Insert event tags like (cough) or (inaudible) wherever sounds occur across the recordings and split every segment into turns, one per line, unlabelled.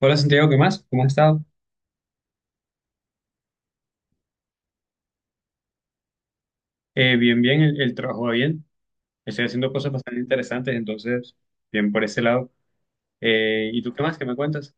Hola Santiago, ¿qué más? ¿Cómo has estado? El trabajo va bien. Estoy haciendo cosas bastante interesantes, entonces, bien por ese lado. ¿Y tú qué más? ¿Qué me cuentas?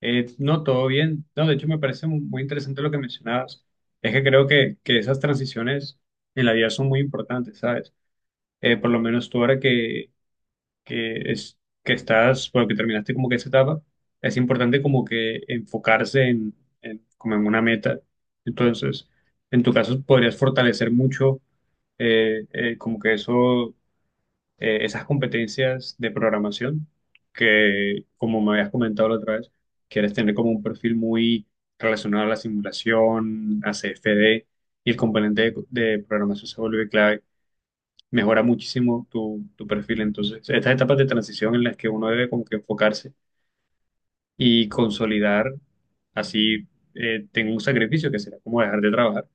No, todo bien. No, de hecho me parece muy interesante lo que mencionabas. Es que creo que esas transiciones en la vida son muy importantes, ¿sabes? Por lo menos tú ahora que es que estás, bueno, que terminaste como que esa etapa, es importante como que enfocarse como en una meta. Entonces, en tu caso podrías fortalecer mucho como que eso, esas competencias de programación que, como me habías comentado la otra vez, quieres tener como un perfil muy relacionado a la simulación, a CFD, y el componente de programación se vuelve clave, mejora muchísimo tu perfil. Entonces, estas etapas de transición en las que uno debe como que enfocarse y consolidar, así tengo un sacrificio que será como dejar de trabajar,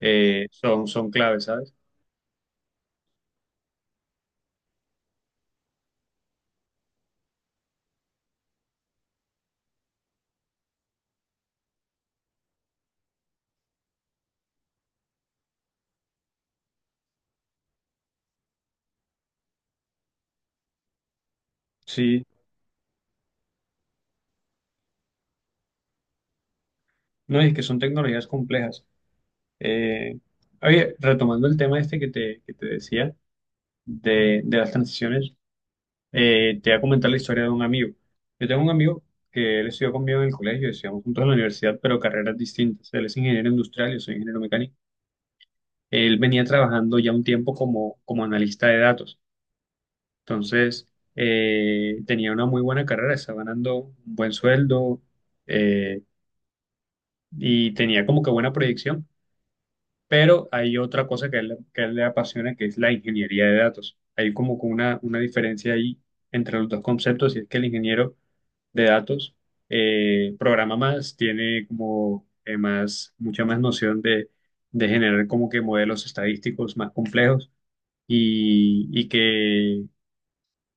son claves, ¿sabes? Sí, no, y es que son tecnologías complejas. Eh, Oye, retomando el tema este que te decía de las transiciones, te voy a comentar la historia de un amigo. Yo tengo un amigo que él estudió conmigo en el colegio, estudiamos juntos en la universidad, pero carreras distintas. Él es ingeniero industrial, yo soy ingeniero mecánico. Él venía trabajando ya un tiempo como analista de datos. Entonces, tenía una muy buena carrera, estaba ganando un buen sueldo eh, y tenía como que buena proyección. Pero hay otra cosa que a él le apasiona, que es la ingeniería de datos. Hay como que una diferencia ahí entre los dos conceptos, y es que el ingeniero de datos programa más, tiene como mucha más noción de generar como que modelos estadísticos más complejos y que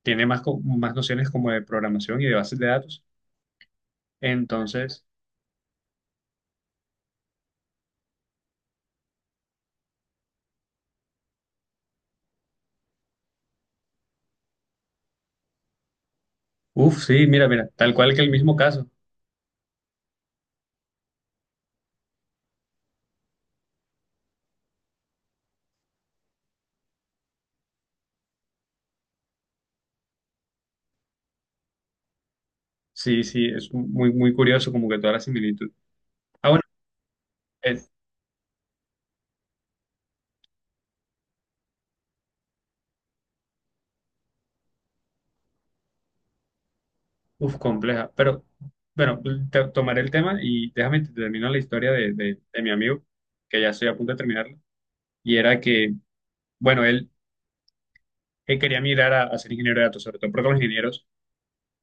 tiene más, más nociones como de programación y de bases de datos. Entonces, uff, sí, mira, tal cual, que el mismo caso. Sí, sí, es muy curioso como que toda la similitud. Ah, bueno, es uf, compleja, pero bueno, tomaré el tema y déjame te termino la historia de mi amigo, que ya estoy a punto de terminarla. Y era que, bueno, él quería migrar a ser ingeniero de datos, sobre todo porque los ingenieros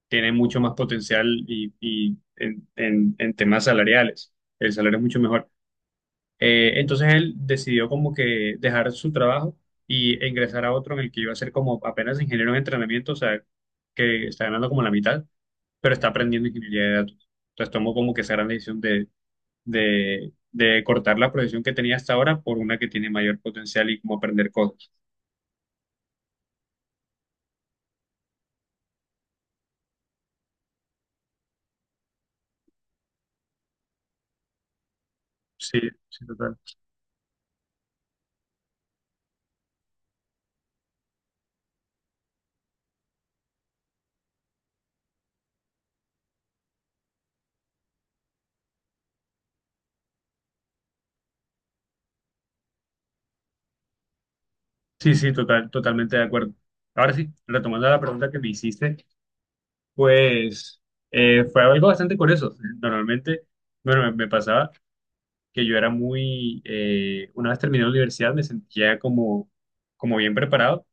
tiene mucho más potencial en temas salariales. El salario es mucho mejor. Entonces él decidió como que dejar su trabajo y ingresar a otro en el que iba a ser como apenas ingeniero en entrenamiento, o sea, que está ganando como la mitad, pero está aprendiendo ingeniería de datos. Entonces tomó como que esa gran decisión de cortar la profesión que tenía hasta ahora por una que tiene mayor potencial y como aprender cosas. Sí, sí, total. Sí, sí, total, totalmente de acuerdo. Ahora sí, retomando la pregunta que me hiciste, pues fue algo bastante curioso. Normalmente, bueno, me pasaba que yo era muy, una vez terminé la universidad me sentía como bien preparado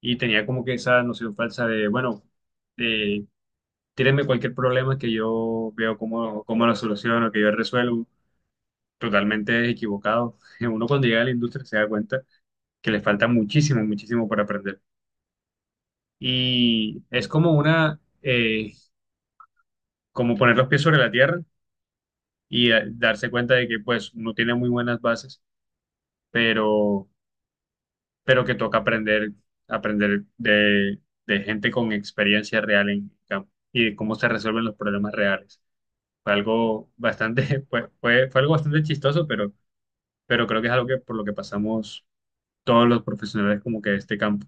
y tenía como que esa noción falsa de, bueno, eh, tírenme cualquier problema que yo veo cómo lo soluciono, que yo resuelvo, totalmente equivocado. (laughs) Uno cuando llega a la industria se da cuenta que le falta muchísimo, muchísimo por aprender. Y es como una, como poner los pies sobre la tierra y darse cuenta de que pues no tiene muy buenas bases, pero, pero que toca aprender, aprender de gente con experiencia real en campo y de cómo se resuelven los problemas reales. Fue algo bastante, (laughs) fue algo bastante chistoso, pero creo que es algo que por lo que pasamos todos los profesionales como que de este campo.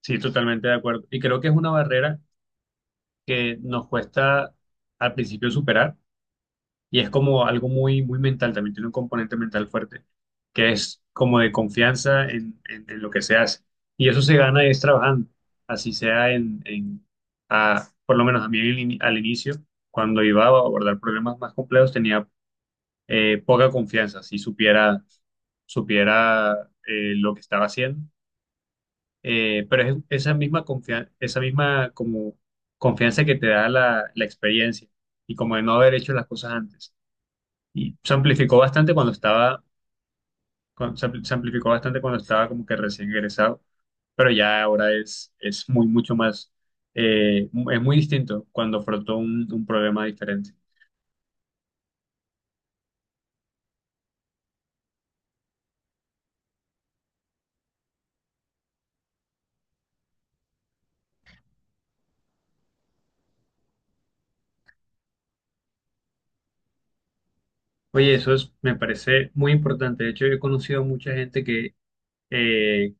Sí, totalmente de acuerdo. Y creo que es una barrera que nos cuesta al principio superar. Y es como algo muy mental, también tiene un componente mental fuerte, que es como de confianza en lo que se hace. Y eso se gana es trabajando, así sea por lo menos a mí al inicio, cuando iba a abordar problemas más complejos, tenía poca confianza, si supiera, supiera lo que estaba haciendo. Pero es esa misma confianza, esa misma como confianza que te da la experiencia y como de no haber hecho las cosas antes. Y se amplificó bastante cuando estaba, se amplificó bastante cuando estaba como que recién egresado, pero ya ahora es muy, mucho más, es muy distinto cuando afrontó un problema diferente. Oye, eso es, me parece muy importante. De hecho, yo he conocido mucha gente que eh,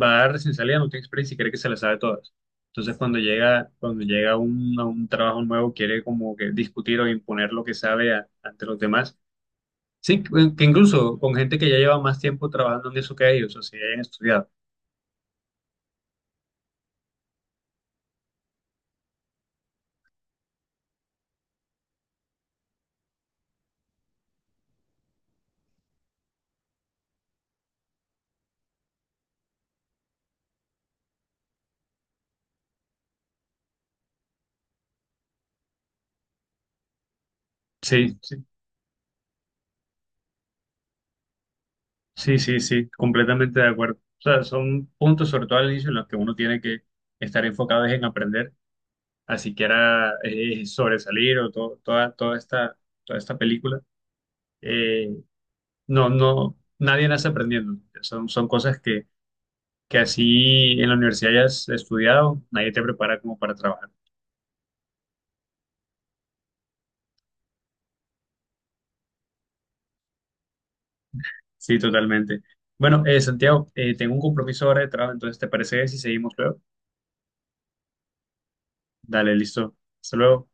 va a dar recién salida, no tiene experiencia y cree que se la sabe todas. Entonces, cuando llega a un trabajo nuevo, quiere como que discutir o imponer lo que sabe ante los demás. Sí, que incluso con gente que ya lleva más tiempo trabajando en eso que ellos, o sea, hayan estudiado. Sí, sí, sí, sí, sí, completamente de acuerdo. O sea, son puntos, sobre todo al inicio, en los que uno tiene que estar enfocado es en aprender, así que era sobresalir o toda esta película. Eh, no, no, nadie nace aprendiendo. Son cosas que así en la universidad hayas estudiado, nadie te prepara como para trabajar. Sí, totalmente. Bueno, Santiago, tengo un compromiso ahora de trabajo, entonces, ¿te parece si seguimos luego? Dale, listo. Hasta luego.